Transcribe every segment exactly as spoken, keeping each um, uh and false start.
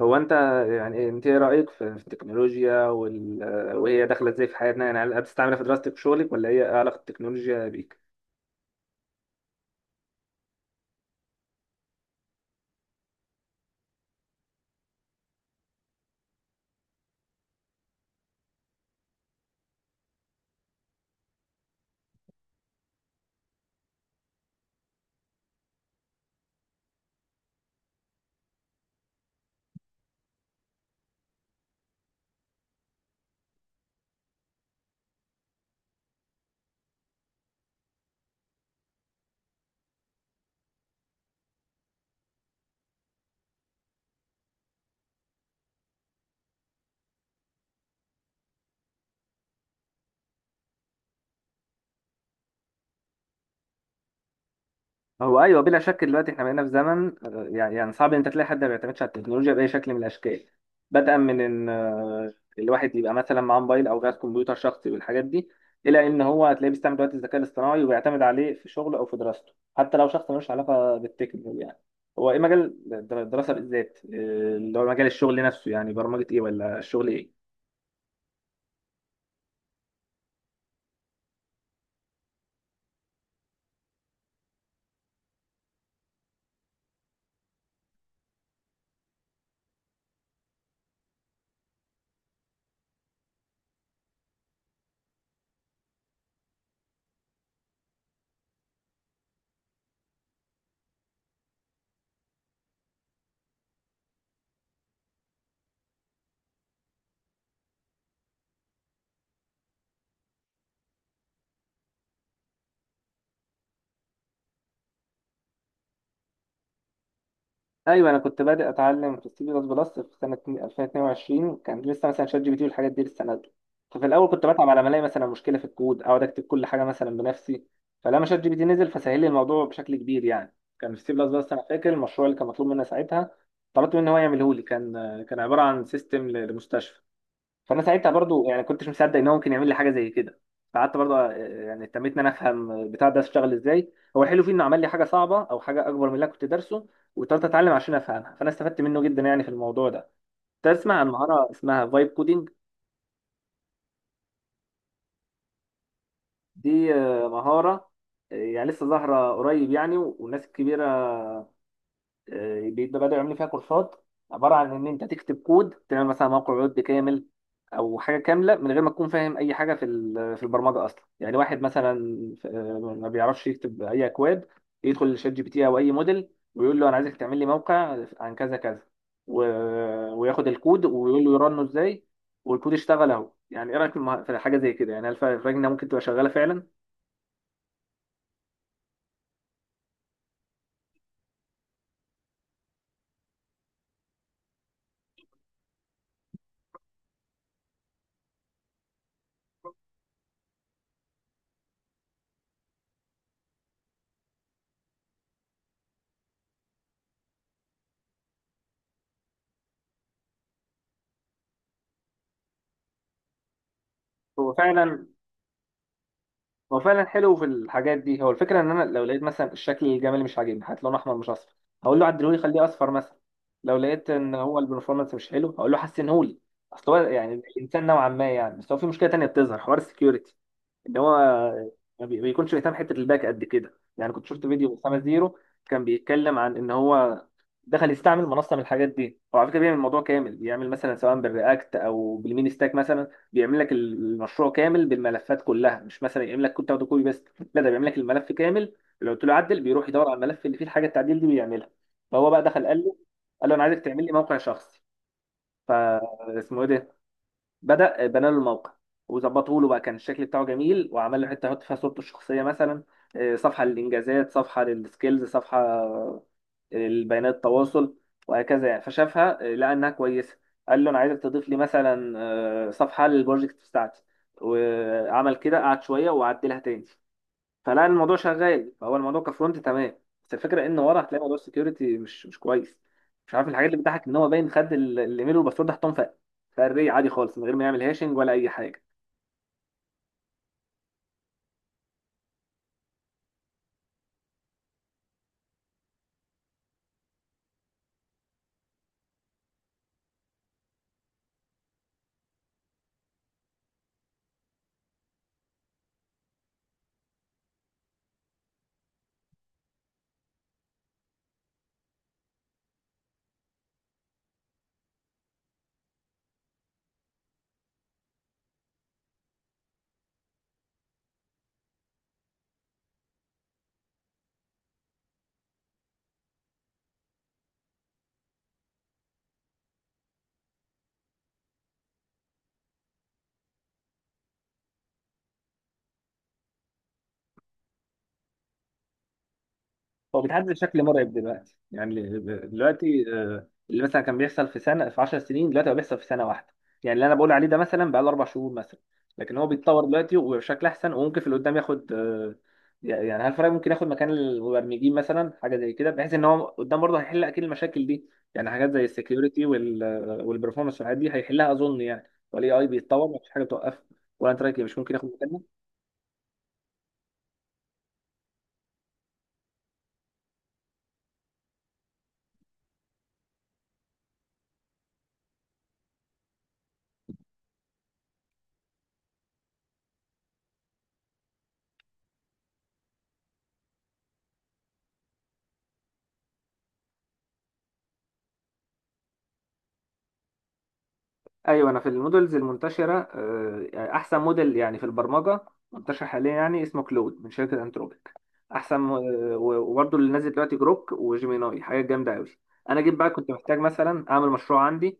هو انت يعني انت ايه رايك في في التكنولوجيا وال... وهي داخله ازاي في حياتنا؟ يعني هل بتستعملها في دراستك وشغلك، ولا هي إيه علاقه التكنولوجيا بيك؟ هو ايوه، بلا شك دلوقتي احنا بقينا في زمن آه، يعني يعني صعب ان انت تلاقي حد ما بيعتمدش على التكنولوجيا باي شكل من الاشكال. بدءا من ان آه، الواحد يبقى مثلا معاه موبايل او جهاز كمبيوتر شخصي والحاجات دي، الى ان هو هتلاقيه بيستعمل دلوقتي الذكاء الاصطناعي وبيعتمد عليه في شغله او في دراسته، حتى لو شخص ملوش علاقه بالتكنولوجيا. يعني هو ايه مجال الدراسه بالذات، آه، اللي هو مجال الشغل نفسه؟ يعني برمجه ايه، ولا الشغل ايه؟ ايوه، انا كنت بادئ اتعلم في السي بلس بلس في سنه ألفين واثنين وعشرين. كان لسه مثلا شات جي بي تي والحاجات دي لسه نازله. ففي الاول كنت بتعب على ما الاقي مثلا مشكله في الكود، اقعد اكتب كل حاجه مثلا بنفسي. فلما شات جي بي تي نزل، فسهل لي الموضوع بشكل كبير يعني. كان في السي بلس بلس انا فاكر المشروع اللي كان مطلوب مني ساعتها، طلبت منه هو يعمله لي. كان كان عباره عن سيستم لمستشفى. فانا ساعتها برضو يعني كنتش مصدق ان هو ممكن يعمل لي حاجه زي كده. فقعدت برضو آه، يعني اهتميت ان انا افهم البتاع ده اشتغل ازاي. هو الحلو فيه انه عمل لي حاجه صعبه، او حاجه اكبر من اللي أنا كنت دارسه، واضطريت اتعلم عشان افهمها. فانا استفدت منه جدا يعني في الموضوع ده. تسمع عن مهاره اسمها فايب كودينج؟ دي آه، مهاره آه، يعني لسه ظاهره قريب يعني، والناس الكبيره آه، بيبقى بدأوا يعملوا فيها كورسات. عبارة عن إن أنت تكتب كود تعمل مثلا موقع ويب كامل، أو حاجة كاملة، من غير ما تكون فاهم أي حاجة في ال- في البرمجة أصلا. يعني واحد مثلا آه، ما بيعرفش يكتب أي أكواد، يدخل لشات جي بي تي أو أي موديل ويقول له أنا عايزك تعمل لي موقع عن كذا كذا و... وياخد الكود ويقول له يرنه إزاي، والكود اشتغل أهو. يعني إيه رأيك في الم- في حاجة زي كده؟ يعني هل فا- فاكر إنها ممكن تبقى شغالة فعلا؟ هو فعلا، هو فعلا حلو في الحاجات دي. هو الفكره ان انا لو لقيت مثلا الشكل الجمالي مش عاجبني، هات لون احمر مش اصفر، هقول له عدلهولي خليه اصفر مثلا. لو لقيت ان هو البرفورمانس مش حلو، هقول له حسنهولي. اصل هو يعني الانسان نوعا ما يعني. بس هو في مشكله تانيه بتظهر، حوار السكيورتي. ان هو ما بي- بيكونش بيهتم حته الباك قد كده يعني. كنت شفت فيديو اسامه زيرو، كان بيتكلم عن ان هو دخل يستعمل منصه من الحاجات دي. هو على فكره بيعمل الموضوع كامل، بيعمل مثلا سواء بالرياكت او بالمين ستاك، مثلا بيعمل لك المشروع كامل بالملفات كلها، مش مثلا يعمل لك كود تاخده كوبي بس، لا ده بيعمل لك الملف كامل. لو قلت له عدل، بيروح يدور على الملف اللي فيه الحاجه التعديل دي ويعملها. فهو بقى دخل قال له، قال له انا عايزك تعمل لي موقع شخصي، فاسمه ايه ده. بدأ بنى له الموقع وظبطوا له بقى، كان الشكل بتاعه جميل. وعمل له حته يحط فيها صورته الشخصيه مثلا، آه، صفحه للانجازات، صفحه للسكيلز، صفحه آه، لبيانات التواصل، وهكذا يعني. فشافها آه، لقى انها كويسه. قال له انا عايزك تضيف لي مثلا آه، صفحه للبروجكت بتاعتي، وعمل كده. قعد شويه وعدلها تاني. فلا الموضوع شغال، فهو الموضوع كفرونت تمام. بس الفكره ان ورا هتلاقي موضوع السكيورتي مش مش كويس. مش عارف الحاجات اللي بتاعك، ان هو باين خد ال- الايميل والباسورد حطهم في في الري عادي خالص، من غير ما يعمل هاشنج ولا اي حاجه. هو بيتعدل بشكل مرعب دلوقتي يعني. دلوقتي آه، اللي مثلا كان بيحصل في سنه، في 10 سنين، دلوقتي بقى بيحصل في سنه واحده. يعني اللي انا بقول عليه ده مثلا بقى له اربع شهور مثلا، لكن هو بيتطور دلوقتي وبشكل احسن. وممكن في اللي قدام ياخد آه، يعني هل فرق، ممكن ياخد مكان المبرمجين مثلا حاجه زي كده؟ بحيث ان هو قدام برضه هيحل اكيد المشاكل دي. يعني حاجات زي السكيورتي والبرفورمانس والحاجات دي هيحلها اظن يعني، والاي اي بيتطور مفيش حاجه بتوقفه. ولا انت رايك إيه؟ مش ممكن ياخد مكانه؟ ايوه. انا في المودلز المنتشره آه، يعني احسن موديل يعني في البرمجه منتشر حاليا، يعني اسمه كلود من شركه انتروبيك. احسن م- آه، و- وبرضه اللي نازل دلوقتي جروك وجيميناي، حاجات جامده قوي. انا جيت بقى كنت محتاج مثلا اعمل مشروع عندي.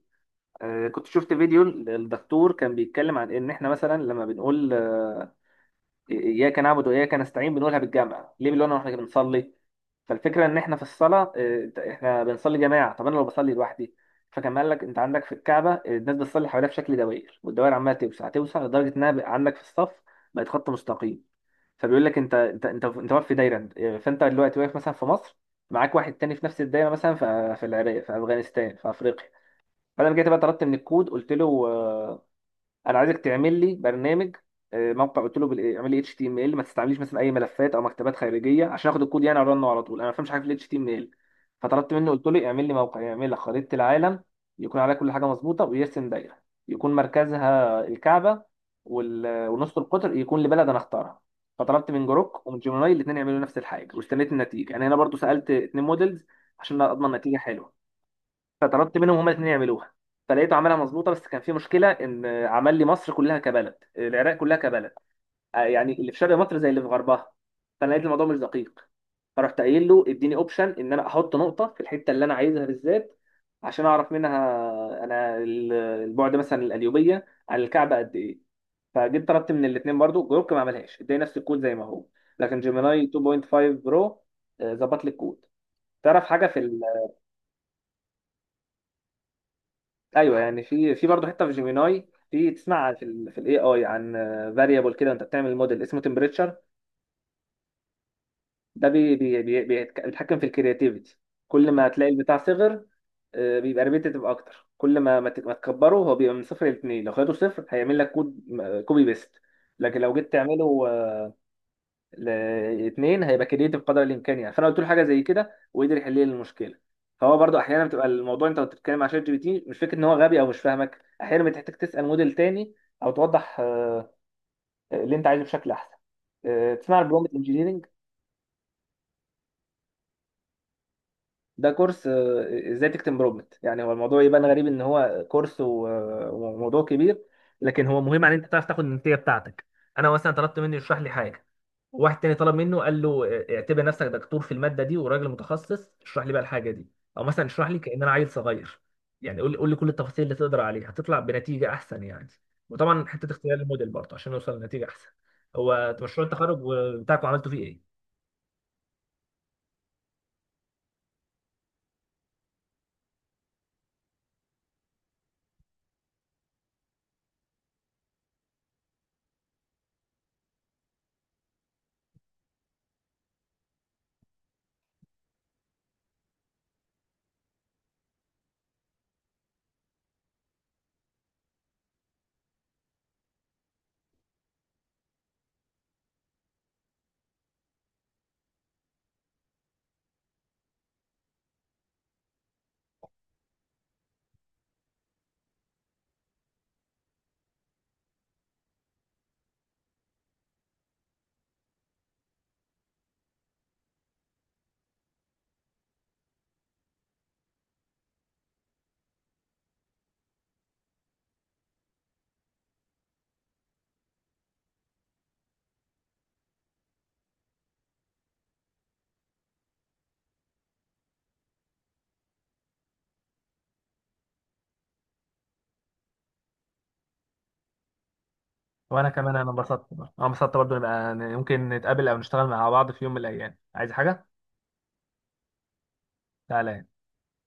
آه، كنت شفت فيديو للدكتور كان بيتكلم عن ان احنا مثلا لما بنقول آه، اياك نعبد واياك نستعين، بنقولها بالجامع ليه؟ بنقولها واحنا بنصلي. فالفكره ان احنا في الصلاه آه، احنا بنصلي جماعه. طب انا لو بصلي لوحدي؟ فكان قال لك انت عندك في الكعبه آه، الناس بتصلي حواليها في شكل دوائر، والدوائر عماله توسع توسع لدرجه انها بقى عندك في الصف بقت خط مستقيم. فبيقول لك انت، انت، انت، انت واقف في دايره. آه، فانت دلوقتي واقف مثلا في مصر، معاك واحد تاني في نفس الدايره مثلا في في العراق، في افغانستان، في افريقيا. فانا جيت بقى طلبت من الكود، قلت له آه، انا عايزك تعمل لي برنامج آه، موقع. قلت له بال- إيه، اعمل لي اتش تي ام ال، ما تستعمليش مثلا اي ملفات او مكتبات خارجيه، عشان اخد الكود يعني ارنه على طول. انا ما بفهمش حاجه في الاتش تي ام ال. فطلبت منه، قلت له اعمل لي موقع يعمل لك خريطه العالم، يكون عليها كل حاجه مظبوطه، ويرسم دايره يكون مركزها الكعبه، وال- ونص القطر يكون لبلد انا اختارها. فطلبت من جروك ومن جيميناي الاثنين يعملوا نفس الحاجه واستنيت النتيجه. يعني انا برضو سالت اتنين موديلز عشان اضمن نتيجه حلوه. فطلبت منهم هما الاثنين يعملوها. فلقيته عملها مظبوطه، بس كان في مشكله ان عمل لي مصر كلها كبلد، العراق كلها كبلد. آه، يعني اللي في شرق مصر زي اللي في غربها. فانا لقيت الموضوع مش دقيق. فرحت قايل له اديني اوبشن ان انا احط نقطه في الحته اللي انا عايزها بالذات، عشان اعرف منها انا ال- البعد مثلا القليوبيه عن الكعبه قد ايه. فجيت طلبت من الاثنين برضو، جروك ما عملهاش، اداني نفس الكود زي ما هو. لكن جيميناي اتنين فاصلة خمسة برو آه، ظبط لي الكود. تعرف حاجه في؟ ايوه يعني في في برضه حته في جيميناي، في تسمع في ال في الاي اي عن فاريبل كده انت بتعمل موديل اسمه تمبريتشر. ده بي بي بي بيتك- بيتحكم في الكرياتيفيتي. كل ما هتلاقي البتاع صغر آه، بيبقى ريبيتيتيف اكتر. كل ما ما ت- ما تكبره هو بيبقى. من صفر لاتنين، لو خدته صفر هيعمل لك كود كوبي بيست. لكن لو جيت تعمله آه، لاثنين هيبقى كرييتيف قدر الامكان يعني. فانا قلت له حاجه زي كده وقدر يحل لي المشكله. فهو برضو احيانا بتبقى الموضوع انت بتتكلم مع شات جي بي تي، مش فكره ان هو غبي او مش فاهمك، احيانا بتحتاج تسال موديل تاني او توضح آه، اللي انت عايزه بشكل احسن. آه، تسمع البرومبت انجينيرنج؟ ده كورس آه، ازاي تكتب برومبت. يعني هو الموضوع يبان غريب ان هو كورس و- وموضوع كبير، لكن هو مهم على ان انت تعرف تاخد النتيجه بتاعتك. انا مثلا طلبت منه يشرح لي حاجه، واحد تاني طلب منه قال له اه، اعتبر نفسك دكتور في الماده دي وراجل متخصص اشرح لي بقى الحاجه دي، او مثلا اشرح لي كأن انا عيل صغير. يعني قول لي قول لي كل التفاصيل اللي تقدر عليها، هتطلع بنتيجه احسن يعني. وطبعا حته اختيار الموديل برضه عشان نوصل لنتيجه احسن. هو مشروع التخرج بتاعكم عملتوا فيه ايه؟ وانا كمان، انا انبسطت برضه انا انبسطت برضه. نبقى ممكن نتقابل او نشتغل مع بعض في يوم من الايام، عايز حاجه تعالى.